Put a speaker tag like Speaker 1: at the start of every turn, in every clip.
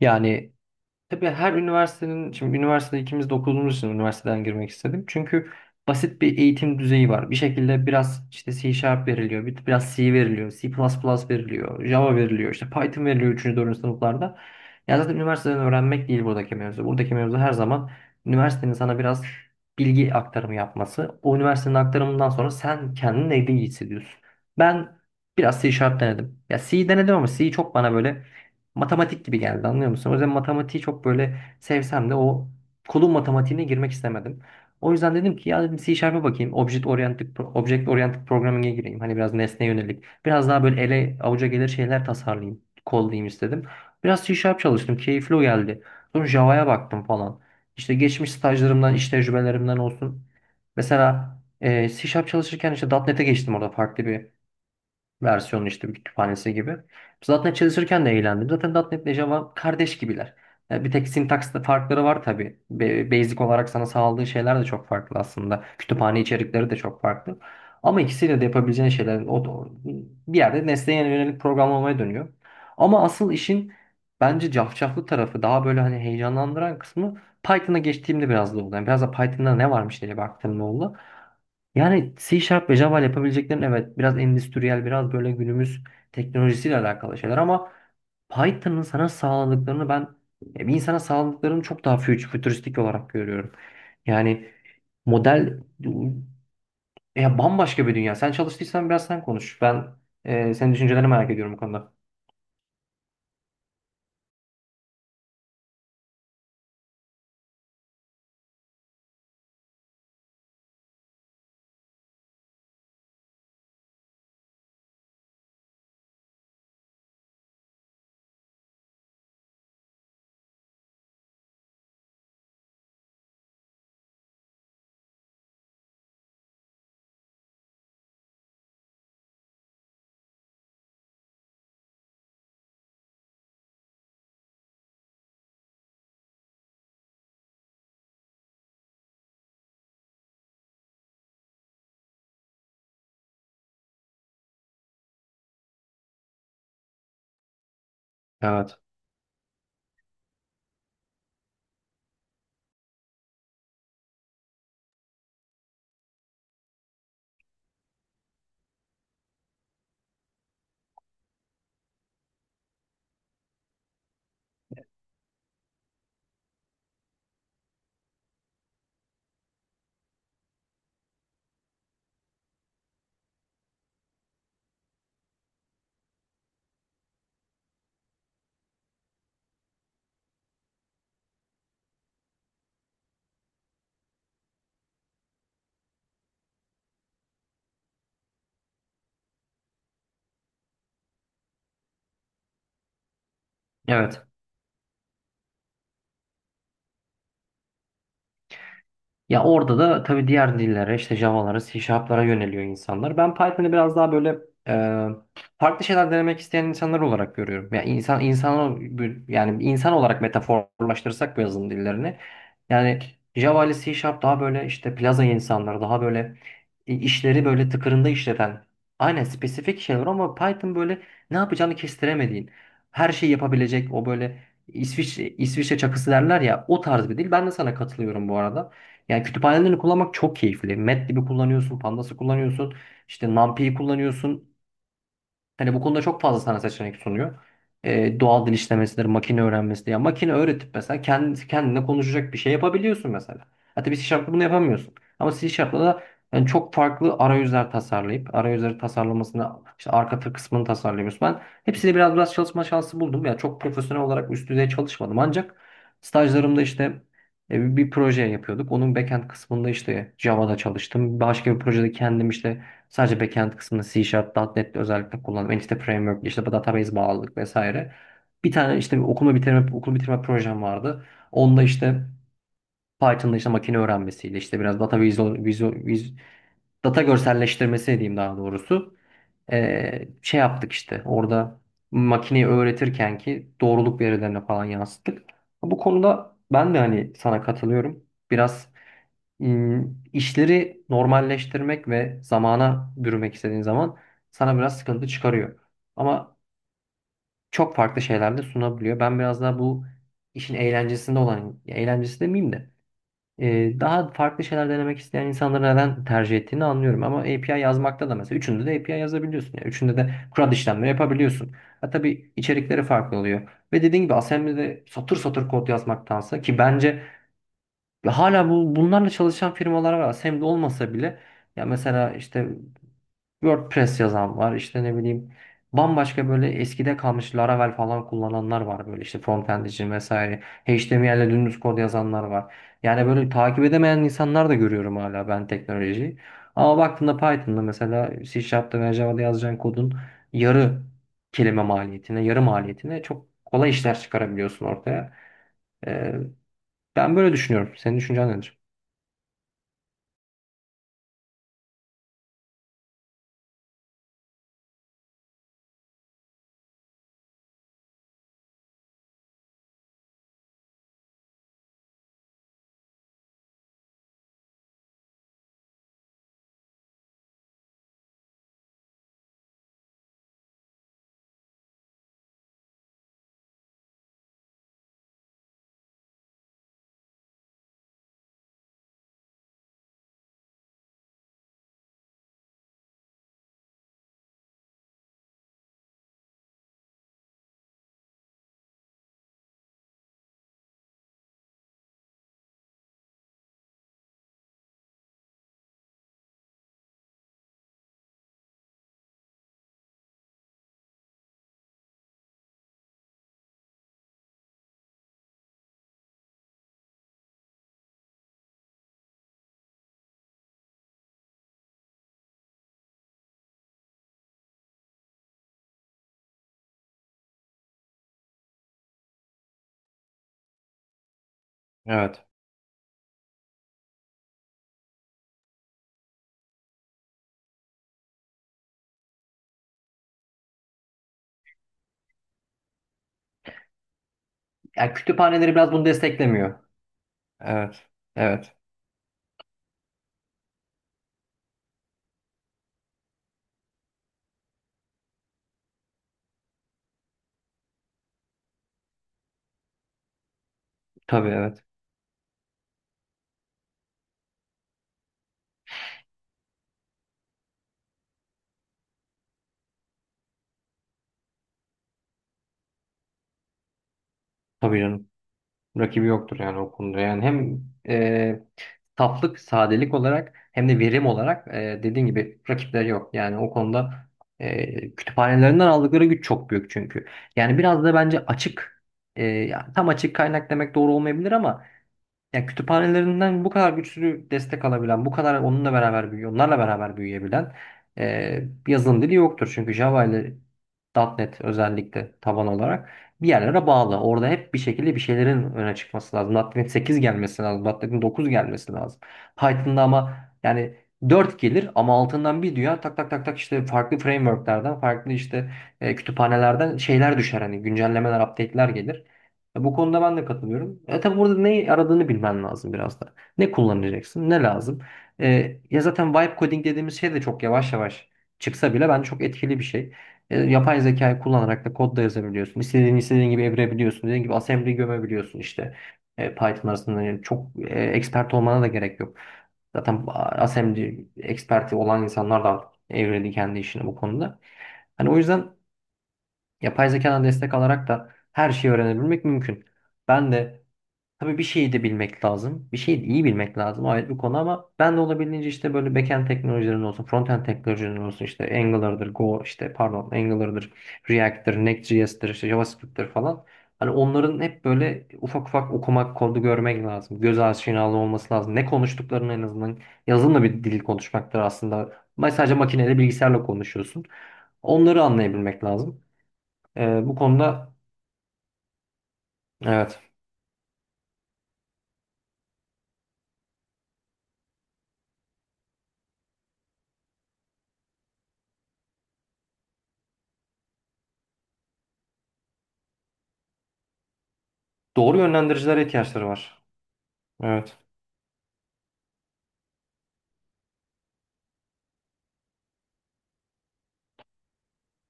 Speaker 1: Yani tabii her üniversitenin, şimdi üniversitede ikimiz de okuduğumuz için üniversiteden girmek istedim. Çünkü basit bir eğitim düzeyi var. Bir şekilde biraz işte C Sharp veriliyor, biraz C veriliyor, C++ veriliyor, Java veriliyor, işte Python veriliyor üçüncü 4. sınıflarda. Ya zaten üniversiteden öğrenmek değil buradaki mevzu. Buradaki mevzu her zaman üniversitenin sana biraz bilgi aktarımı yapması. O üniversitenin aktarımından sonra sen kendini neyde iyi hissediyorsun? Ben biraz C Sharp denedim. Ya C denedim ama C çok bana böyle matematik gibi geldi, anlıyor musun? O yüzden matematiği çok böyle sevsem de o kulun matematiğine girmek istemedim. O yüzden dedim ki ya dedim C Sharp'a bakayım. Object Oriented, Object Oriented Programming'e gireyim. Hani biraz nesne yönelik. Biraz daha böyle ele avuca gelir şeyler tasarlayayım. Kollayayım istedim. Biraz C Sharp çalıştım. Keyifli o geldi. Sonra Java'ya baktım falan. İşte geçmiş stajlarımdan, iş tecrübelerimden olsun. Mesela C Sharp çalışırken işte .NET'e geçtim, orada farklı bir versiyonu işte, bir kütüphanesi gibi. Zaten çalışırken de eğlendim. Zaten .NET ile Java kardeş gibiler. Yani bir tek sintaksta farkları var tabii. Basic olarak sana sağladığı şeyler de çok farklı aslında. Kütüphane içerikleri de çok farklı. Ama ikisiyle de yapabileceğin şeyler bir yerde nesneye yönelik programlamaya dönüyor. Ama asıl işin bence cafcaflı tarafı, daha böyle hani heyecanlandıran kısmı, Python'a geçtiğimde biraz da oldu. Yani biraz da Python'da ne varmış diye baktığımda oldu. Yani C Sharp ve Java ile yapabileceklerin, evet, biraz endüstriyel, biraz böyle günümüz teknolojisiyle alakalı şeyler, ama Python'ın sana sağladıklarını bir insana sağladıklarını çok daha fütüristik olarak görüyorum. Yani model ya bambaşka bir dünya. Sen çalıştıysan biraz sen konuş. Senin düşüncelerini merak ediyorum bu konuda. Evet. Evet. Ya orada da tabii diğer dillere, işte Java'lara, C Sharp'lara yöneliyor insanlar. Ben Python'ı biraz daha böyle e, farklı şeyler denemek isteyen insanlar olarak görüyorum. Ya insan insan yani insan olarak metaforlaştırırsak bu yazılım dillerini. Yani Java ile C Sharp daha böyle işte plaza insanları, daha böyle işleri böyle tıkırında işleten. Aynen, spesifik şeyler, ama Python böyle ne yapacağını kestiremediğin, her şeyi yapabilecek, o böyle İsviçre çakısı derler ya, o tarz bir dil. Ben de sana katılıyorum bu arada. Yani kütüphanelerini kullanmak çok keyifli. Matlab'i kullanıyorsun, Pandas'ı kullanıyorsun, işte NumPy'yi kullanıyorsun. Hani bu konuda çok fazla sana seçenek sunuyor. Doğal dil işlemesidir, makine öğrenmesi ya, makine öğretip mesela kendi, kendine konuşacak bir şey yapabiliyorsun mesela. Hatta bir C Sharp'la bunu yapamıyorsun. Ama C Sharp'la da yani çok farklı arayüzler tasarlayıp, arayüzleri tasarlamasını, işte arka tır kısmını tasarlıyoruz. Ben hepsini biraz biraz çalışma şansı buldum. Ya çok profesyonel olarak üst düzey çalışmadım. Ancak stajlarımda işte bir proje yapıyorduk. Onun backend kısmında işte Java'da çalıştım. Başka bir projede kendim işte sadece backend kısmını C Sharp, .NET'te özellikle kullandım. Entity Framework, işte bu database bağlılık vesaire. Bir tane işte bir okulu bitirme projem vardı. Onda işte Python'da işte makine öğrenmesiyle işte biraz data visual, visual, vis- data görselleştirmesi diyeyim daha doğrusu. Şey yaptık işte orada makineyi öğretirken ki doğruluk verilerine falan yansıttık. Bu konuda ben de hani sana katılıyorum. Biraz Hmm, işleri normalleştirmek ve zamana bürümek istediğin zaman sana biraz sıkıntı çıkarıyor. Ama çok farklı şeyler de sunabiliyor. Ben biraz daha bu işin eğlencesinde olan, ya eğlencesi demeyeyim de daha farklı şeyler denemek isteyen insanları neden tercih ettiğini anlıyorum. Ama API yazmakta da, mesela üçünde de API yazabiliyorsun. Yani üçünde de CRUD işlemleri yapabiliyorsun. Ha, tabii içerikleri farklı oluyor. Ve dediğim gibi assembly'de satır satır kod yazmaktansa, ki bence ve hala bunlarla çalışan firmalar var. Hem de olmasa bile ya mesela işte WordPress yazan var. İşte ne bileyim, bambaşka böyle eskide kalmış Laravel falan kullananlar var böyle, işte frontend için vesaire. HTML ile dümdüz kod yazanlar var. Yani böyle takip edemeyen insanlar da görüyorum hala ben teknolojiyi. Ama baktığında Python'da, mesela C Sharp'ta veya Java'da yazacağın kodun yarı kelime maliyetine, yarı maliyetine çok kolay işler çıkarabiliyorsun ortaya. Ee, ben böyle düşünüyorum. Senin düşüncen nedir? Evet. Yani kütüphaneleri biraz bunu desteklemiyor. Evet. Evet. Tabii, evet. Tabii canım. Rakibi yoktur yani o konuda. Yani hem e, saflık, sadelik olarak, hem de verim olarak, dediğin gibi rakipleri yok. Yani o konuda kütüphanelerinden aldıkları güç çok büyük çünkü. Yani biraz da bence ya tam açık kaynak demek doğru olmayabilir, ama ya kütüphanelerinden bu kadar güçlü destek alabilen, bu kadar onunla beraber büyüyor, onlarla beraber büyüyebilen bir yazılım dili yoktur. Çünkü Java ile .NET özellikle taban olarak bir yerlere bağlı. Orada hep bir şekilde bir şeylerin öne çıkması lazım. .NET 8 gelmesi lazım. .NET'in 9 gelmesi lazım. Python'da ama yani 4 gelir, ama altından bir dünya tak tak tak tak işte farklı frameworklerden, farklı işte kütüphanelerden şeyler düşer. Hani güncellemeler, update'ler gelir. Ya bu konuda ben de katılıyorum. E tabi burada neyi aradığını bilmen lazım biraz da. Ne kullanacaksın, ne lazım. E, ya zaten vibe coding dediğimiz şey de çok yavaş yavaş çıksa bile bence çok etkili bir şey. E, yapay zekayı kullanarak da kod da yazabiliyorsun. İstediğin gibi evirebiliyorsun. Dediğin gibi assembly gömebiliyorsun işte. E, Python arasında yani çok expert olmana da gerek yok. Zaten assembly experti olan insanlar da evredi kendi işini bu konuda. Hani o yüzden yapay zekadan destek alarak da her şeyi öğrenebilmek mümkün. Ben de tabii bir şeyi de bilmek lazım. Bir şeyi de iyi bilmek lazım. O ayrı bir konu ama ben de olabildiğince işte böyle backend teknolojilerin olsun, frontend teknolojilerin olsun, işte Angular'dır, React'tir, Next.js'tir, işte JavaScript'tir falan. Hani onların hep böyle ufak ufak okumak, kodu görmek lazım. Göz aşinalığı olması lazım. Ne konuştuklarını en azından yazılımla bir dil konuşmaktır aslında. Sadece makineyle bilgisayarla konuşuyorsun. Onları anlayabilmek lazım. Bu konuda. Evet. Doğru yönlendiricilere ihtiyaçları var. Evet.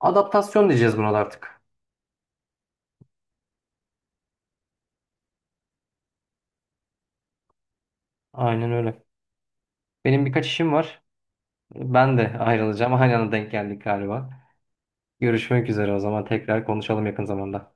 Speaker 1: Adaptasyon diyeceğiz buna da artık. Aynen öyle. Benim birkaç işim var. Ben de ayrılacağım. Aynı anda denk geldik galiba. Görüşmek üzere, o zaman tekrar konuşalım yakın zamanda.